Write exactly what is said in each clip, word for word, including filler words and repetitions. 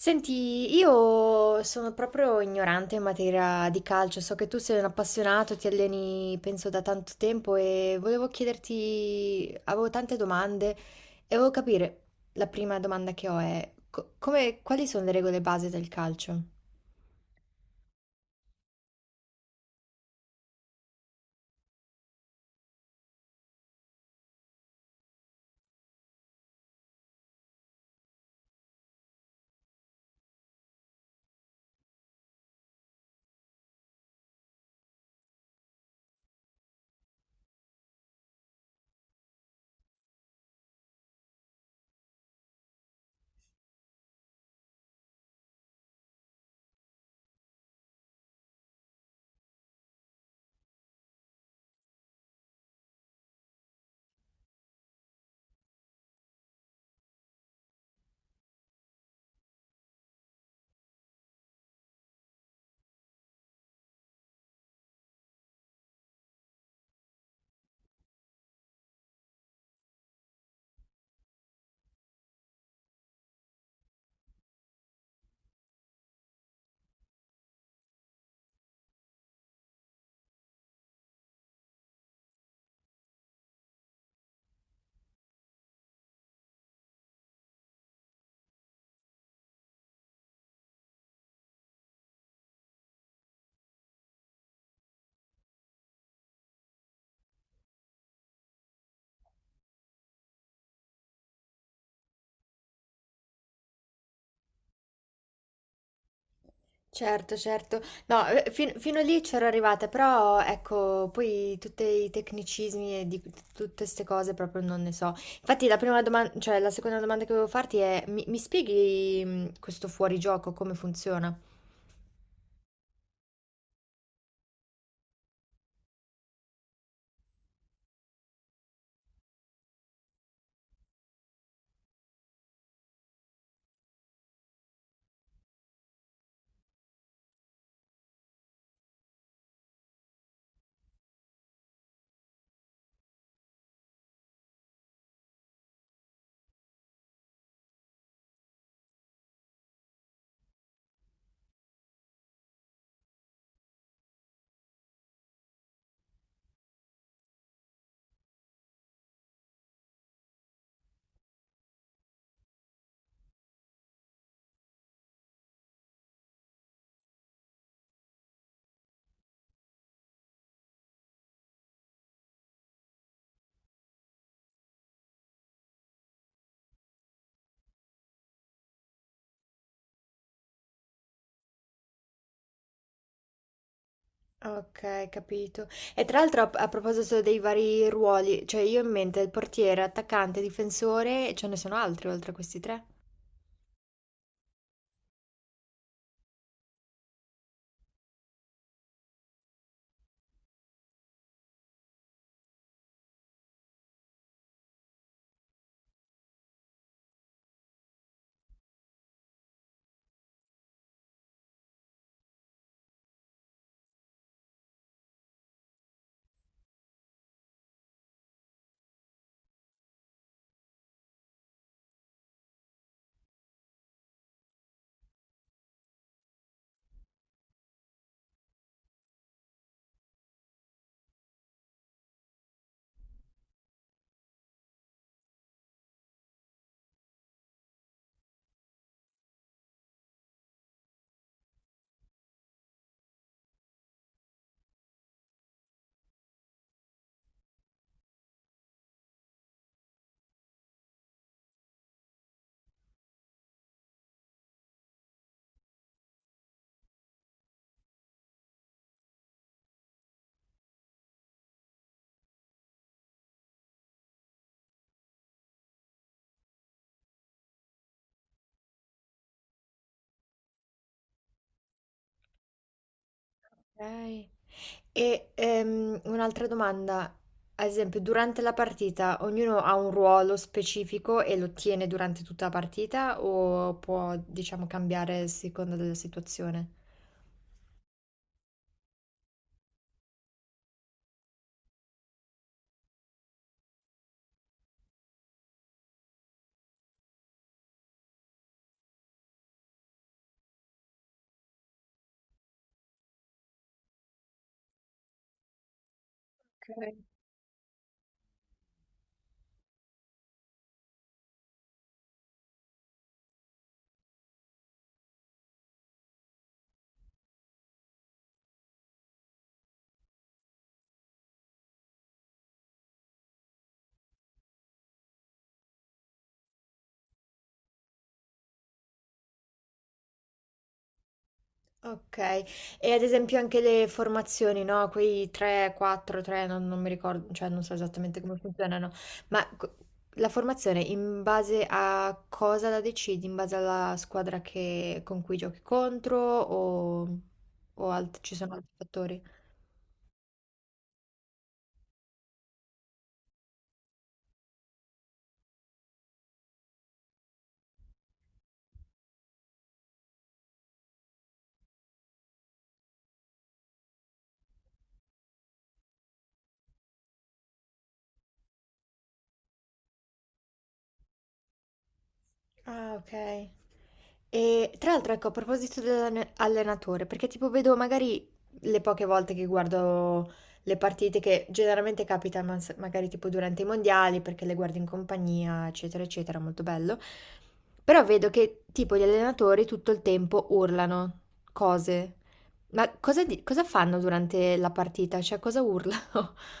Senti, io sono proprio ignorante in materia di calcio, so che tu sei un appassionato, ti alleni penso da tanto tempo e volevo chiederti, avevo tante domande e volevo capire, la prima domanda che ho è, co- come- quali sono le regole base del calcio? Certo, certo. No, eh, fin- fino lì c'ero arrivata, però ecco, poi tutti i tecnicismi e di tutte queste cose proprio non ne so. Infatti la prima domanda, cioè la seconda domanda che volevo farti è, mi, mi spieghi mh, questo fuorigioco, come funziona? Ok, capito. E tra l'altro a, a proposito dei vari ruoli, cioè io ho in mente il portiere, attaccante, difensore, ce ne sono altri oltre a questi tre? Ok. E ehm, un'altra domanda, ad esempio, durante la partita ognuno ha un ruolo specifico e lo tiene durante tutta la partita o può, diciamo, cambiare a seconda della situazione? Okay. E ad esempio anche le formazioni, no, quei tre, quattro, tre non non mi ricordo, cioè non so esattamente come funzionano, ma co la formazione in base a cosa la decidi? In base alla squadra che con cui giochi contro o o alt ci sono altri fattori? Ah, okay. E tra l'altro, ecco, a proposito dell'allenatore, perché tipo vedo magari le poche volte che guardo le partite che generalmente capitano mas- magari tipo durante i mondiali, perché le guardo in compagnia, eccetera, eccetera, molto bello. Però vedo che tipo gli allenatori tutto il tempo urlano cose. Ma cosa, di- cosa fanno durante la partita? Cioè, cosa urlano?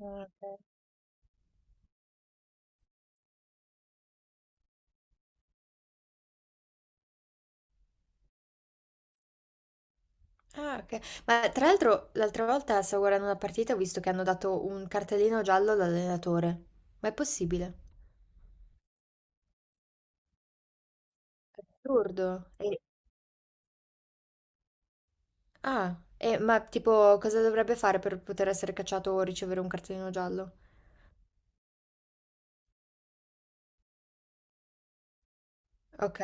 Ah, ok. Ah, ok. Ma tra l'altro, l'altra volta stavo guardando una partita e ho visto che hanno dato un cartellino giallo all'allenatore. Ma è possibile? Assurdo. E- Ah, e, ma tipo cosa dovrebbe fare per poter essere cacciato o ricevere un cartellino giallo? Ok.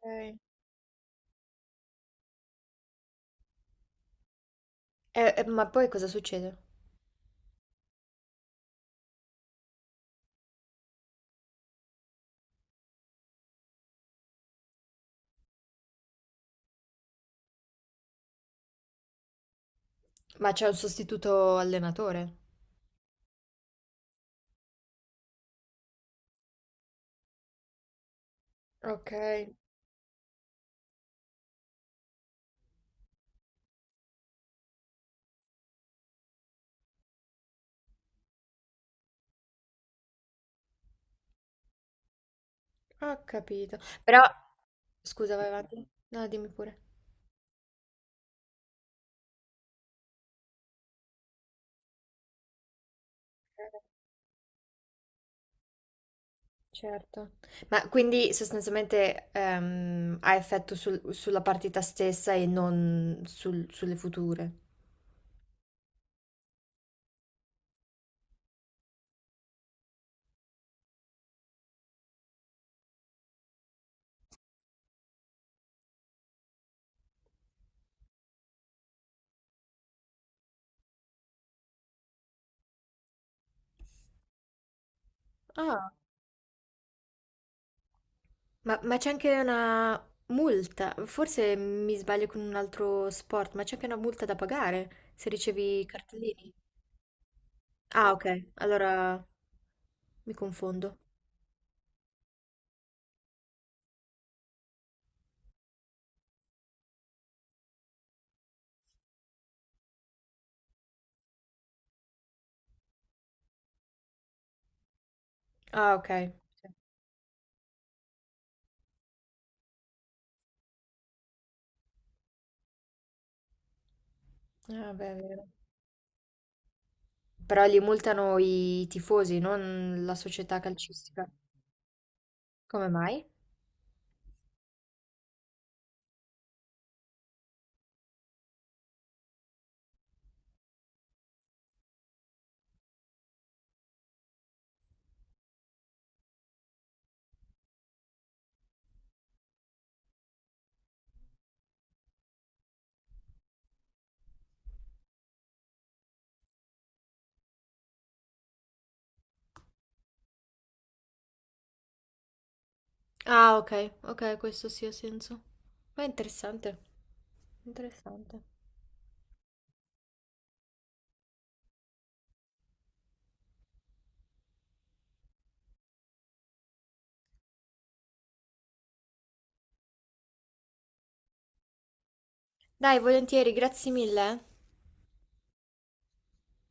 Ok. E- e- ma poi cosa succede? Ma c'è un sostituto allenatore? Ok, ho capito. Però, scusa, vai avanti. No, dimmi pure. Eh, Certo. Ma quindi sostanzialmente ehm, ha effetto sul- sulla partita stessa e non sul- sulle future? Ah. Ma, ma c'è anche una multa, forse mi sbaglio con un altro sport, ma c'è anche una multa da pagare se ricevi i cartellini. Ah, ok, allora mi confondo. Ah, ok. Sì. Ah, beh, è vero. Però li multano i tifosi, non la società calcistica. Come mai? Ah, ok, ok, questo sì ha senso. Ma è interessante, interessante. Dai, volentieri, grazie mille. Eh.